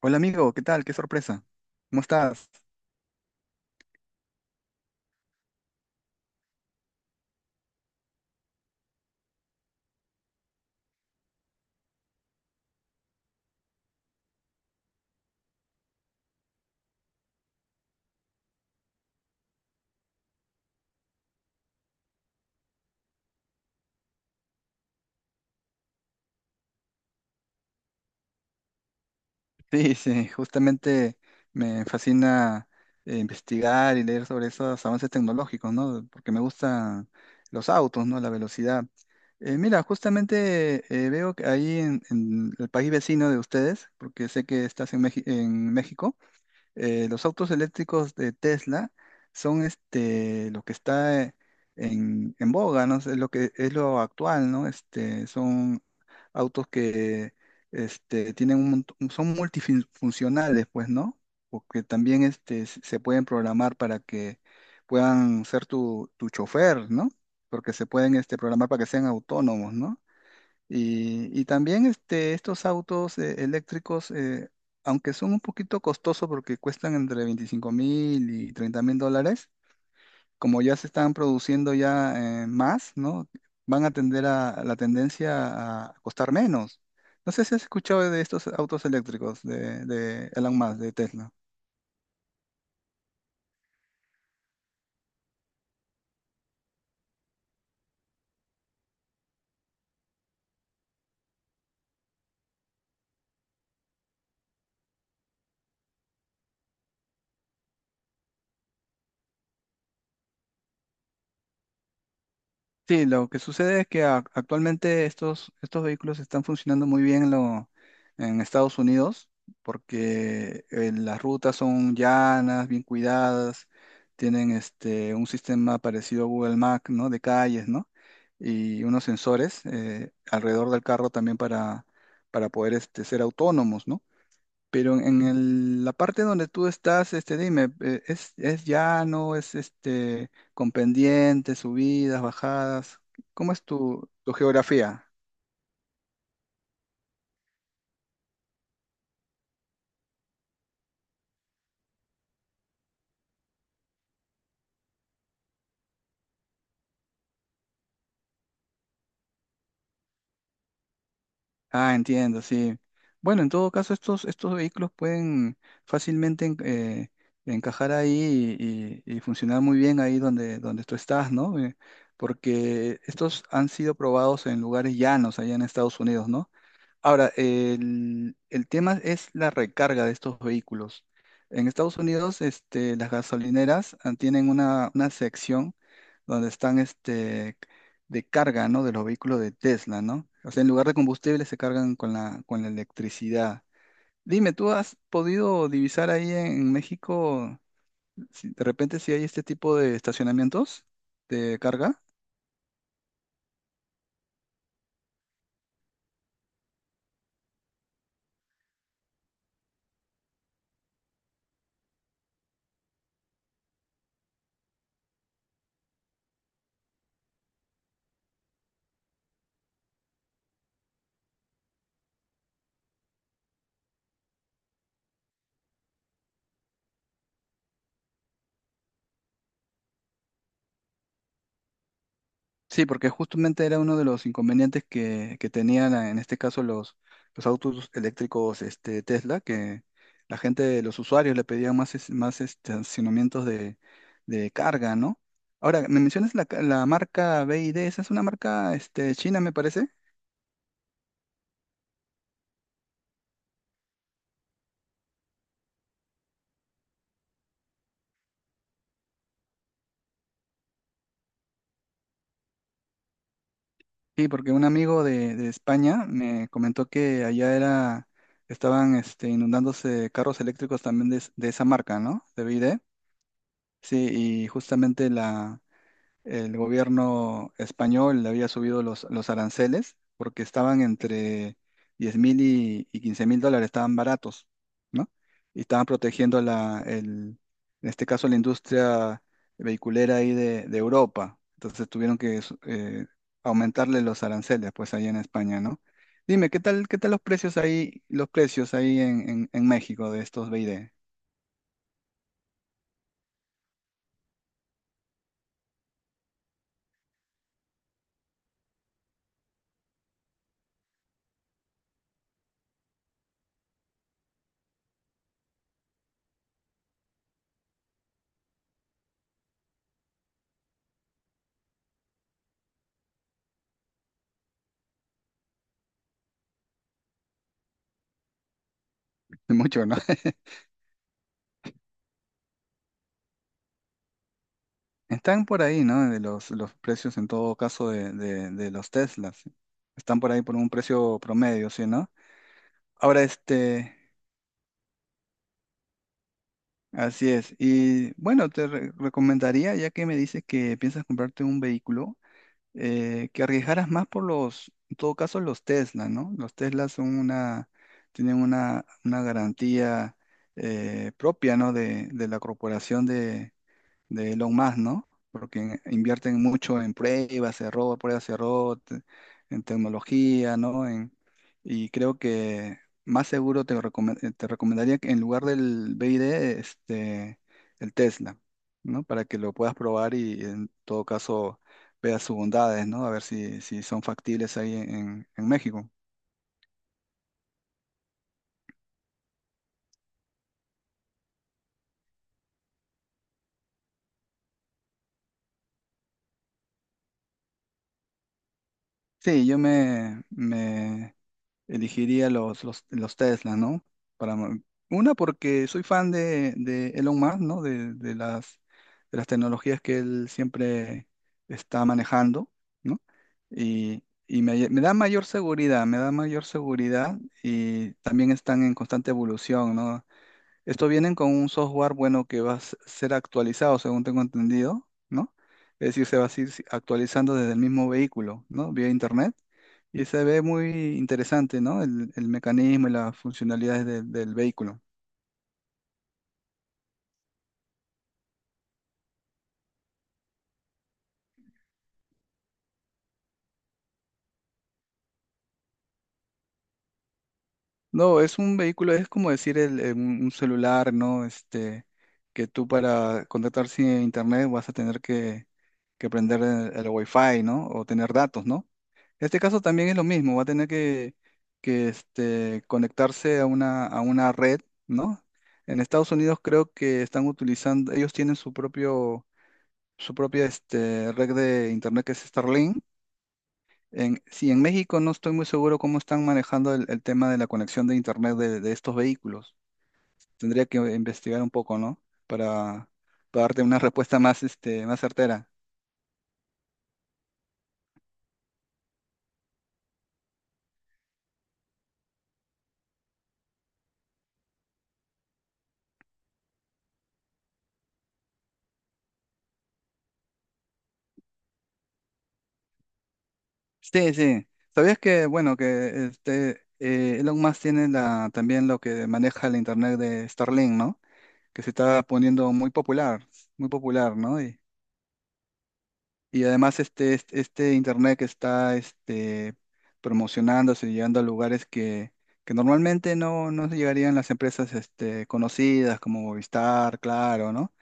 Hola amigo, ¿qué tal? Qué sorpresa. ¿Cómo estás? Sí, sí, justamente me fascina investigar y leer sobre esos avances tecnológicos, ¿no? Porque me gustan los autos, ¿no? La velocidad. Mira, justamente veo que ahí en el país vecino de ustedes, porque sé que estás en México. Los autos eléctricos de Tesla son lo que está en boga, ¿no? Es lo que es lo actual, ¿no? Son autos que son multifuncionales, pues, ¿no? Porque también se pueden programar para que puedan ser tu chofer, ¿no? Porque se pueden programar para que sean autónomos, ¿no? Y también estos autos eléctricos, aunque son un poquito costosos porque cuestan entre 25,000 y $30,000, como ya se están produciendo ya más, ¿no? Van a tender a la tendencia a costar menos. No sé si has escuchado de estos autos eléctricos de Elon Musk, de Tesla. Sí, lo que sucede es que actualmente estos vehículos están funcionando muy bien en Estados Unidos porque las rutas son llanas, bien cuidadas, tienen un sistema parecido a Google Maps, ¿no? De calles, ¿no? Y unos sensores alrededor del carro también para poder ser autónomos, ¿no? Pero en la parte donde tú estás, dime, ¿es llano, es con pendientes, subidas, bajadas? ¿Cómo es tu geografía? Ah, entiendo, sí. Bueno, en todo caso, estos vehículos pueden fácilmente encajar ahí y funcionar muy bien ahí donde tú estás, ¿no? Porque estos han sido probados en lugares llanos allá en Estados Unidos, ¿no? Ahora, el tema es la recarga de estos vehículos. En Estados Unidos, las gasolineras tienen una sección donde están de carga, ¿no? De los vehículos de Tesla, ¿no? O sea, en lugar de combustible se cargan con la electricidad. Dime, ¿tú has podido divisar ahí México de repente si hay este tipo de estacionamientos de carga? Sí, porque justamente era uno de los inconvenientes que tenían en este caso los autos eléctricos Tesla, que la gente, los usuarios le pedían más estacionamientos de carga, ¿no? Ahora, me mencionas la marca BYD, esa es una marca china, me parece. Sí, porque un amigo de España me comentó que allá era, estaban inundándose carros eléctricos también de esa marca, ¿no? De BYD. Sí, y justamente la el gobierno español le había subido los aranceles porque estaban entre 10,000 y 15 mil dólares, estaban baratos, ¿no? Y estaban protegiendo en este caso la industria vehiculera ahí de Europa. Entonces tuvieron que aumentarle los aranceles, pues ahí en España, ¿no? Dime, ¿qué tal los precios ahí en México de estos BID? Mucho, ¿no? Están por ahí, ¿no? De los precios en todo caso de los Teslas. Están por ahí por un precio promedio, ¿sí, no? Ahora, así es. Y bueno, te recomendaría, ya que me dices que piensas comprarte un vehículo, que arriesgaras más por los, en todo caso, los Tesla, ¿no? Los Teslas tienen una garantía propia, ¿no? De la corporación de Elon Musk, ¿no? Porque invierten mucho en pruebas, error, en tecnología, ¿no? Y creo que más seguro te recomendaría que en lugar del BID, este, el Tesla, ¿no? Para que lo puedas probar y en todo caso veas sus bondades, ¿no? A ver si son factibles ahí en México. Sí, yo elegiría los Tesla, ¿no? Para, mo- Porque soy fan de Elon Musk, ¿no? De las tecnologías que él siempre está manejando, ¿no? Y me da mayor seguridad, me da mayor seguridad y también están en constante evolución, ¿no? Esto vienen con un software, bueno, que va a ser actualizado, según tengo entendido, ¿no? Es decir, se va a ir actualizando desde el mismo vehículo, ¿no? Vía internet. Y se ve muy interesante, ¿no? El mecanismo y las funcionalidades del vehículo. No, es un vehículo, es como decir el, un celular, ¿no? Que tú para contactar a internet vas a tener que prender el Wi-Fi, ¿no? O tener datos, ¿no? En este caso también es lo mismo, va a tener que conectarse a una red, ¿no? En Estados Unidos creo que están utilizando, ellos tienen su propia red de internet que es Starlink. Sí, en México no estoy muy seguro cómo están manejando el tema de la conexión de internet de estos vehículos. Tendría que investigar un poco, ¿no? Para, para darte una respuesta más certera. Sí, sí. ¿Sabías que, bueno, que Elon Musk tiene también lo que maneja el internet de Starlink, ¿no? Que se está poniendo muy popular, ¿no? Y además este internet que está promocionándose y llegando a lugares que normalmente no llegarían las empresas conocidas como Movistar, Claro, ¿no?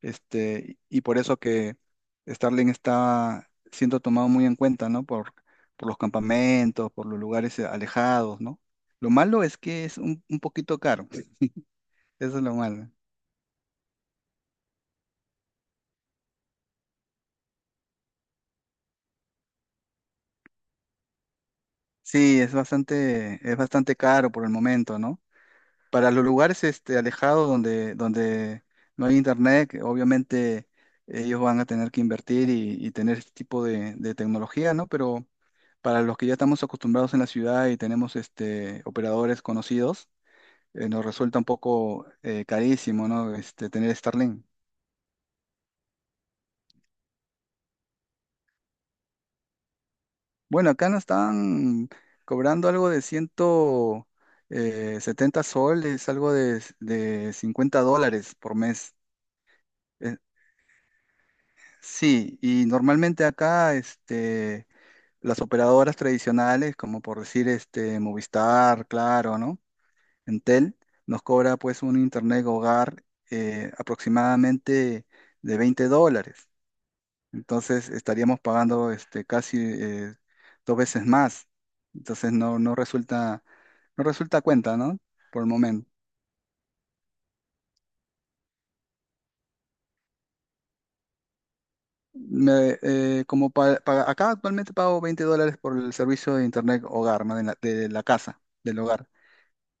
Y por eso que Starlink está siendo tomado muy en cuenta, ¿no? Por los campamentos, por los lugares alejados, ¿no? Lo malo es que es un poquito caro, eso es lo malo. Sí, es bastante caro por el momento, ¿no? Para los lugares alejados donde no hay internet, que obviamente ellos van a tener que invertir y tener este tipo de tecnología, ¿no? Pero para los que ya estamos acostumbrados en la ciudad y tenemos operadores conocidos, nos resulta un poco carísimo, ¿no? Tener Starlink. Bueno, acá nos están cobrando algo de ciento setenta soles, algo de $50 por mes. eh, Sí, y normalmente acá las operadoras tradicionales, como por decir Movistar, Claro, ¿no? Entel, nos cobra pues un internet hogar aproximadamente de $20. Entonces estaríamos pagando casi dos veces más. Entonces no resulta cuenta, ¿no? Por el momento. Me, como pa- pa- Acá actualmente pago $20 por el servicio de internet hogar, ¿no? De la casa, del hogar.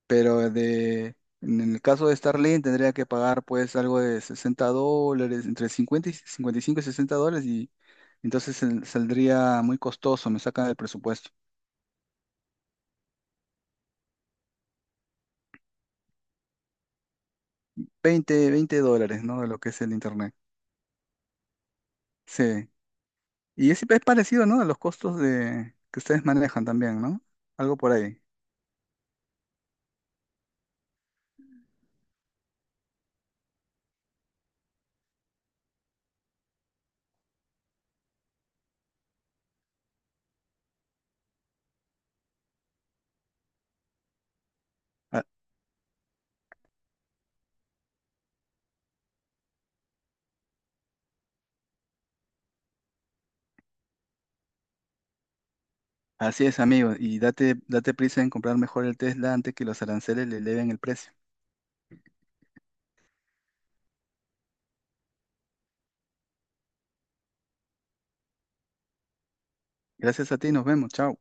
Pero en el caso de Starlink tendría que pagar pues algo de $60, entre 50 y cincuenta y cinco y sesenta dólares y entonces saldría muy costoso, me saca del presupuesto. Veinte dólares, ¿no? De lo que es el internet. Sí. Y es parecido, ¿no? A los costos que ustedes manejan también, ¿no? Algo por ahí. Ah, así es, amigo, y date prisa en comprar mejor el Tesla antes que los aranceles le eleven el precio. Gracias a ti, nos vemos, chao.